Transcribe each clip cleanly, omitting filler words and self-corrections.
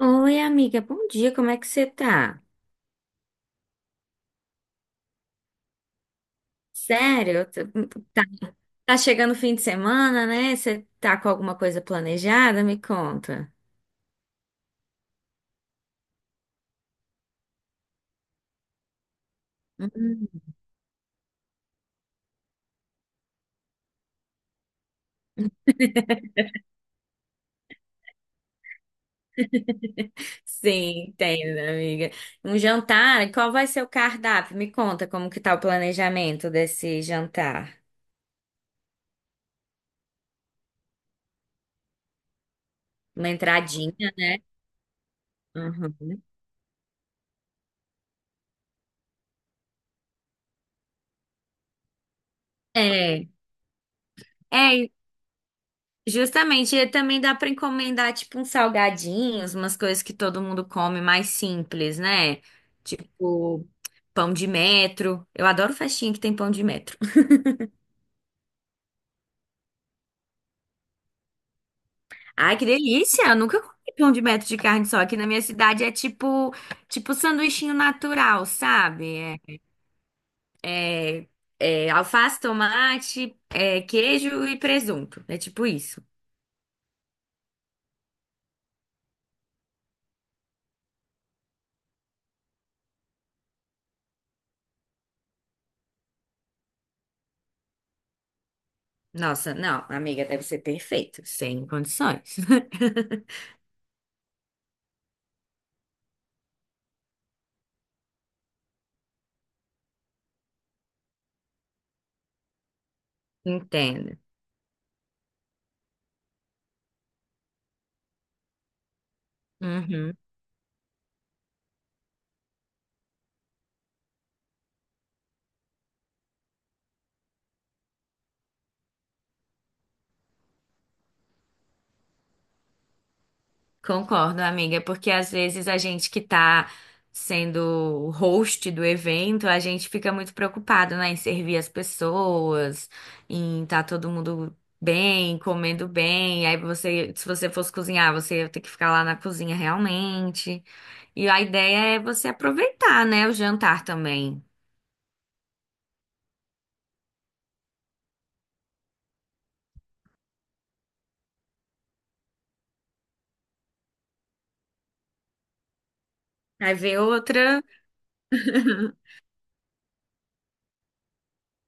Oi, amiga, bom dia, como é que você tá? Sério? Tá, tá chegando o fim de semana, né? Você tá com alguma coisa planejada? Me conta. Hum. Sim, entendo, amiga. Um jantar? Qual vai ser o cardápio? Me conta como que tá o planejamento desse jantar. Uma entradinha, né? Uhum. É, é, Justamente, e também dá pra encomendar tipo uns salgadinhos, umas coisas que todo mundo come mais simples, né? Tipo pão de metro. Eu adoro festinha que tem pão de metro. Ai, que delícia! Eu nunca comi pão de metro de carne só. Aqui na minha cidade é tipo sanduichinho natural, sabe? É, é, é alface, tomate, é, queijo e presunto. É tipo isso. Nossa, não, amiga, deve ser perfeito, sem condições. Entendo. Uhum. Concordo, amiga, é porque às vezes a gente que tá sendo o host do evento, a gente fica muito preocupado, né, em servir as pessoas, em tá todo mundo bem, comendo bem. Aí você, se você fosse cozinhar, você ia ter que ficar lá na cozinha realmente. E a ideia é você aproveitar, né, o jantar também. Aí ver outra.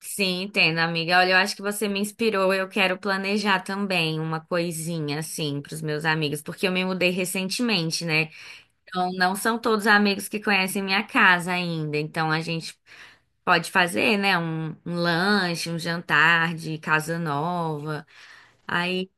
Sim, entendo, amiga. Olha, eu acho que você me inspirou. Eu quero planejar também uma coisinha assim para os meus amigos, porque eu me mudei recentemente, né? Então, não são todos amigos que conhecem minha casa ainda. Então, a gente pode fazer, né? Um lanche, um jantar de casa nova. Aí,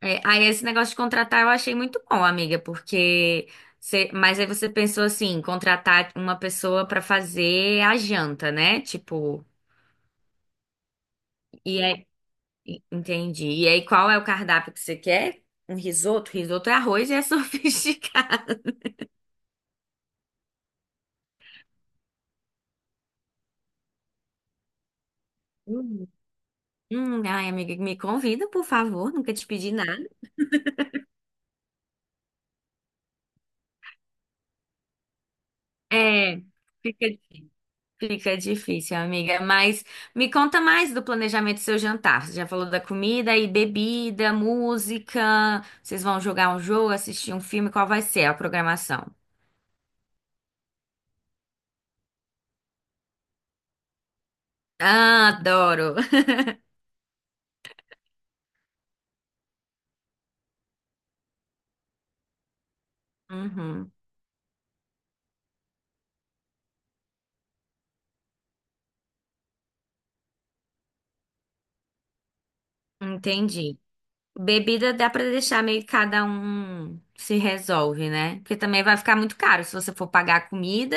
aí esse negócio de contratar eu achei muito bom, amiga, porque mas aí você pensou assim, contratar uma pessoa para fazer a janta, né? Tipo. e Entendi. E aí, qual é o cardápio que você quer? Um risoto? Risoto é arroz e é sofisticado. Hum, ai, amiga, me convida, por favor. Nunca te pedi nada. É, fica, fica difícil, amiga. Mas me conta mais do planejamento do seu jantar. Você já falou da comida e bebida, música. Vocês vão jogar um jogo, assistir um filme? Qual vai ser a programação? Ah, adoro. Uhum, entendi. Bebida dá pra deixar meio que cada um se resolve, né? Porque também vai ficar muito caro se você for pagar a comida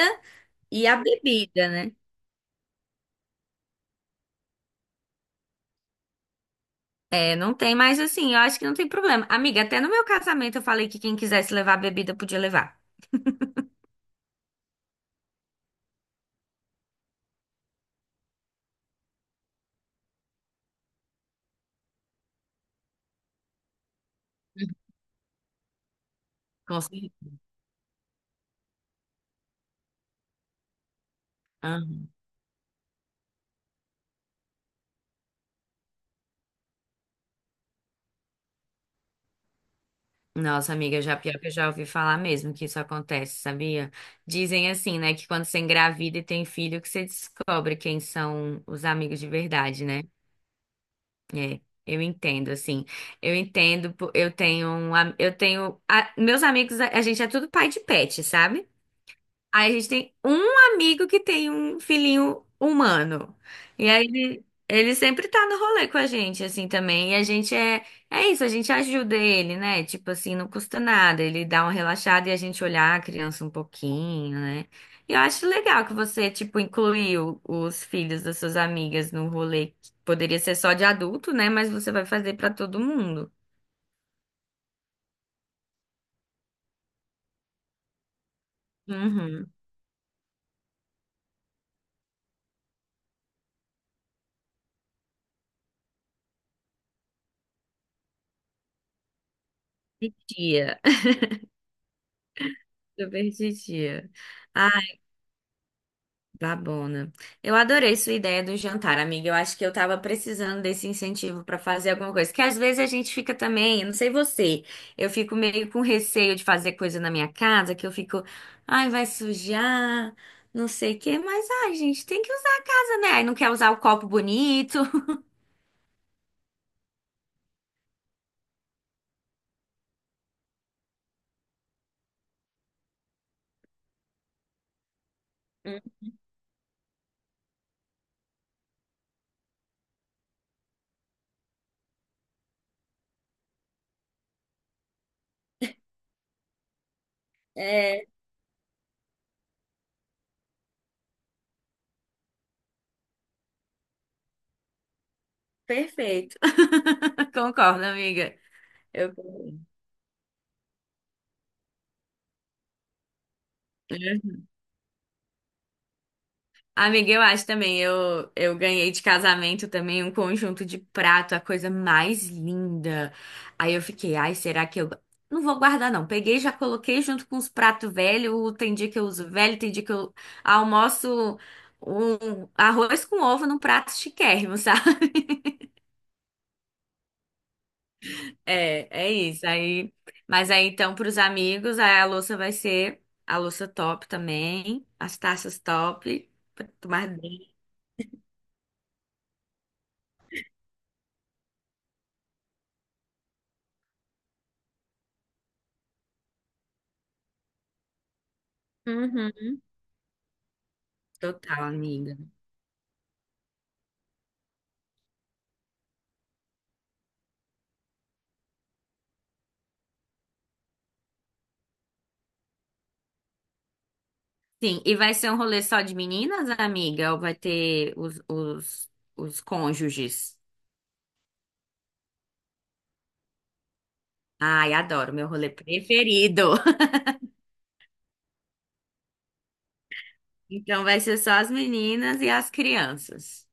e a bebida, né? É, não tem mais assim, eu acho que não tem problema. Amiga, até no meu casamento eu falei que quem quisesse levar bebida podia levar. Com certeza. Aham. Nossa, amiga, já pior que eu já ouvi falar mesmo que isso acontece, sabia? Dizem assim, né, que quando você engravida e tem filho, que você descobre quem são os amigos de verdade, né? É, eu entendo, assim. Eu entendo, eu tenho eu tenho, meus amigos, a gente é tudo pai de pet, sabe? Aí a gente tem um amigo que tem um filhinho humano. E aí ele sempre tá no rolê com a gente, assim, também. E a gente é, é isso, a gente ajuda ele, né? Tipo assim, não custa nada. Ele dá uma relaxada e a gente olhar a criança um pouquinho, né? E eu acho legal que você, tipo, incluiu os filhos das suas amigas no rolê. Que Poderia ser só de adulto, né? Mas você vai fazer pra todo mundo. Uhum. Titia. Super titia. Babona. Eu adorei sua ideia do jantar, amiga. Eu acho que eu tava precisando desse incentivo pra fazer alguma coisa. Que às vezes a gente fica também, eu não sei você, eu fico meio com receio de fazer coisa na minha casa, que eu fico, ai, vai sujar, não sei o quê, mas ai, gente, tem que usar a casa, né? Aí não quer usar o copo bonito. É, perfeito. Concordo, amiga. Eu concordo. Amiga, eu acho também. Eu ganhei de casamento também um conjunto de prato, a coisa mais linda. Aí eu fiquei, ai, será que eu. Não vou guardar, não. Peguei, já coloquei junto com os pratos velhos. Tem dia que eu uso velho, tem dia que eu almoço um arroz com ovo num prato chiquérrimo, sabe? É, é isso. Aí, mas aí então, para os amigos, aí a louça vai ser a louça top também, as taças top, pra tomar bem. Uhum. Total, amiga. Sim, e vai ser um rolê só de meninas, amiga? Ou vai ter os cônjuges? Ai, adoro, meu rolê preferido. Então vai ser só as meninas e as crianças.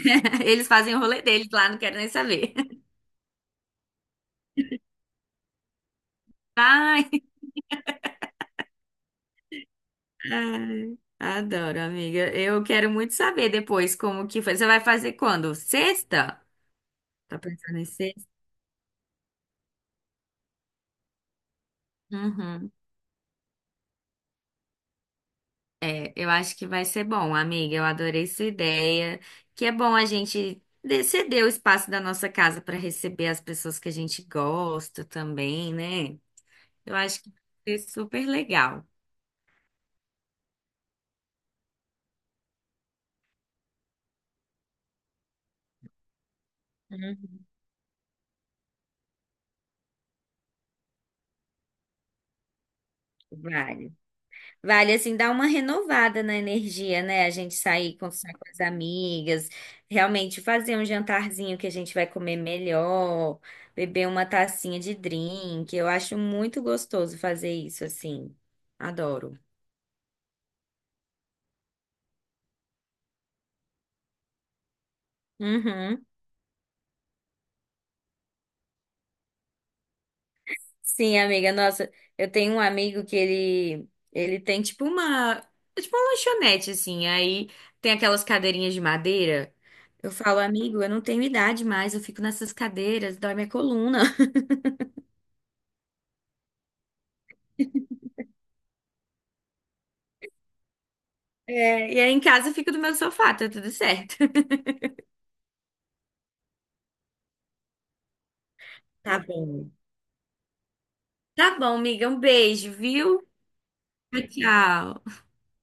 Eles fazem o rolê deles lá, não quero nem saber. Ai, ai, adoro, amiga. Eu quero muito saber depois como que foi. Você vai fazer quando? Sexta? Tá pensando em sexta? Uhum. É, eu acho que vai ser bom, amiga. Eu adorei sua ideia. Que é bom a gente ceder o espaço da nossa casa para receber as pessoas que a gente gosta também, né? Eu acho que vai ser super legal. Vale. Vale, assim, dar uma renovada na energia, né? A gente sair, conversar com as amigas, realmente fazer um jantarzinho que a gente vai comer melhor, beber uma tacinha de drink. Eu acho muito gostoso fazer isso, assim. Adoro. Uhum. Sim, amiga, nossa, eu tenho um amigo que ele tem tipo uma, é tipo uma lanchonete assim, aí tem aquelas cadeirinhas de madeira. Eu falo, amigo, eu não tenho idade mais, eu fico nessas cadeiras, dói minha coluna. É, e aí em casa eu fico no meu sofá, tá tudo certo. Tá bom. Tá bom, amiga, um beijo, viu? Tchau. Tchau.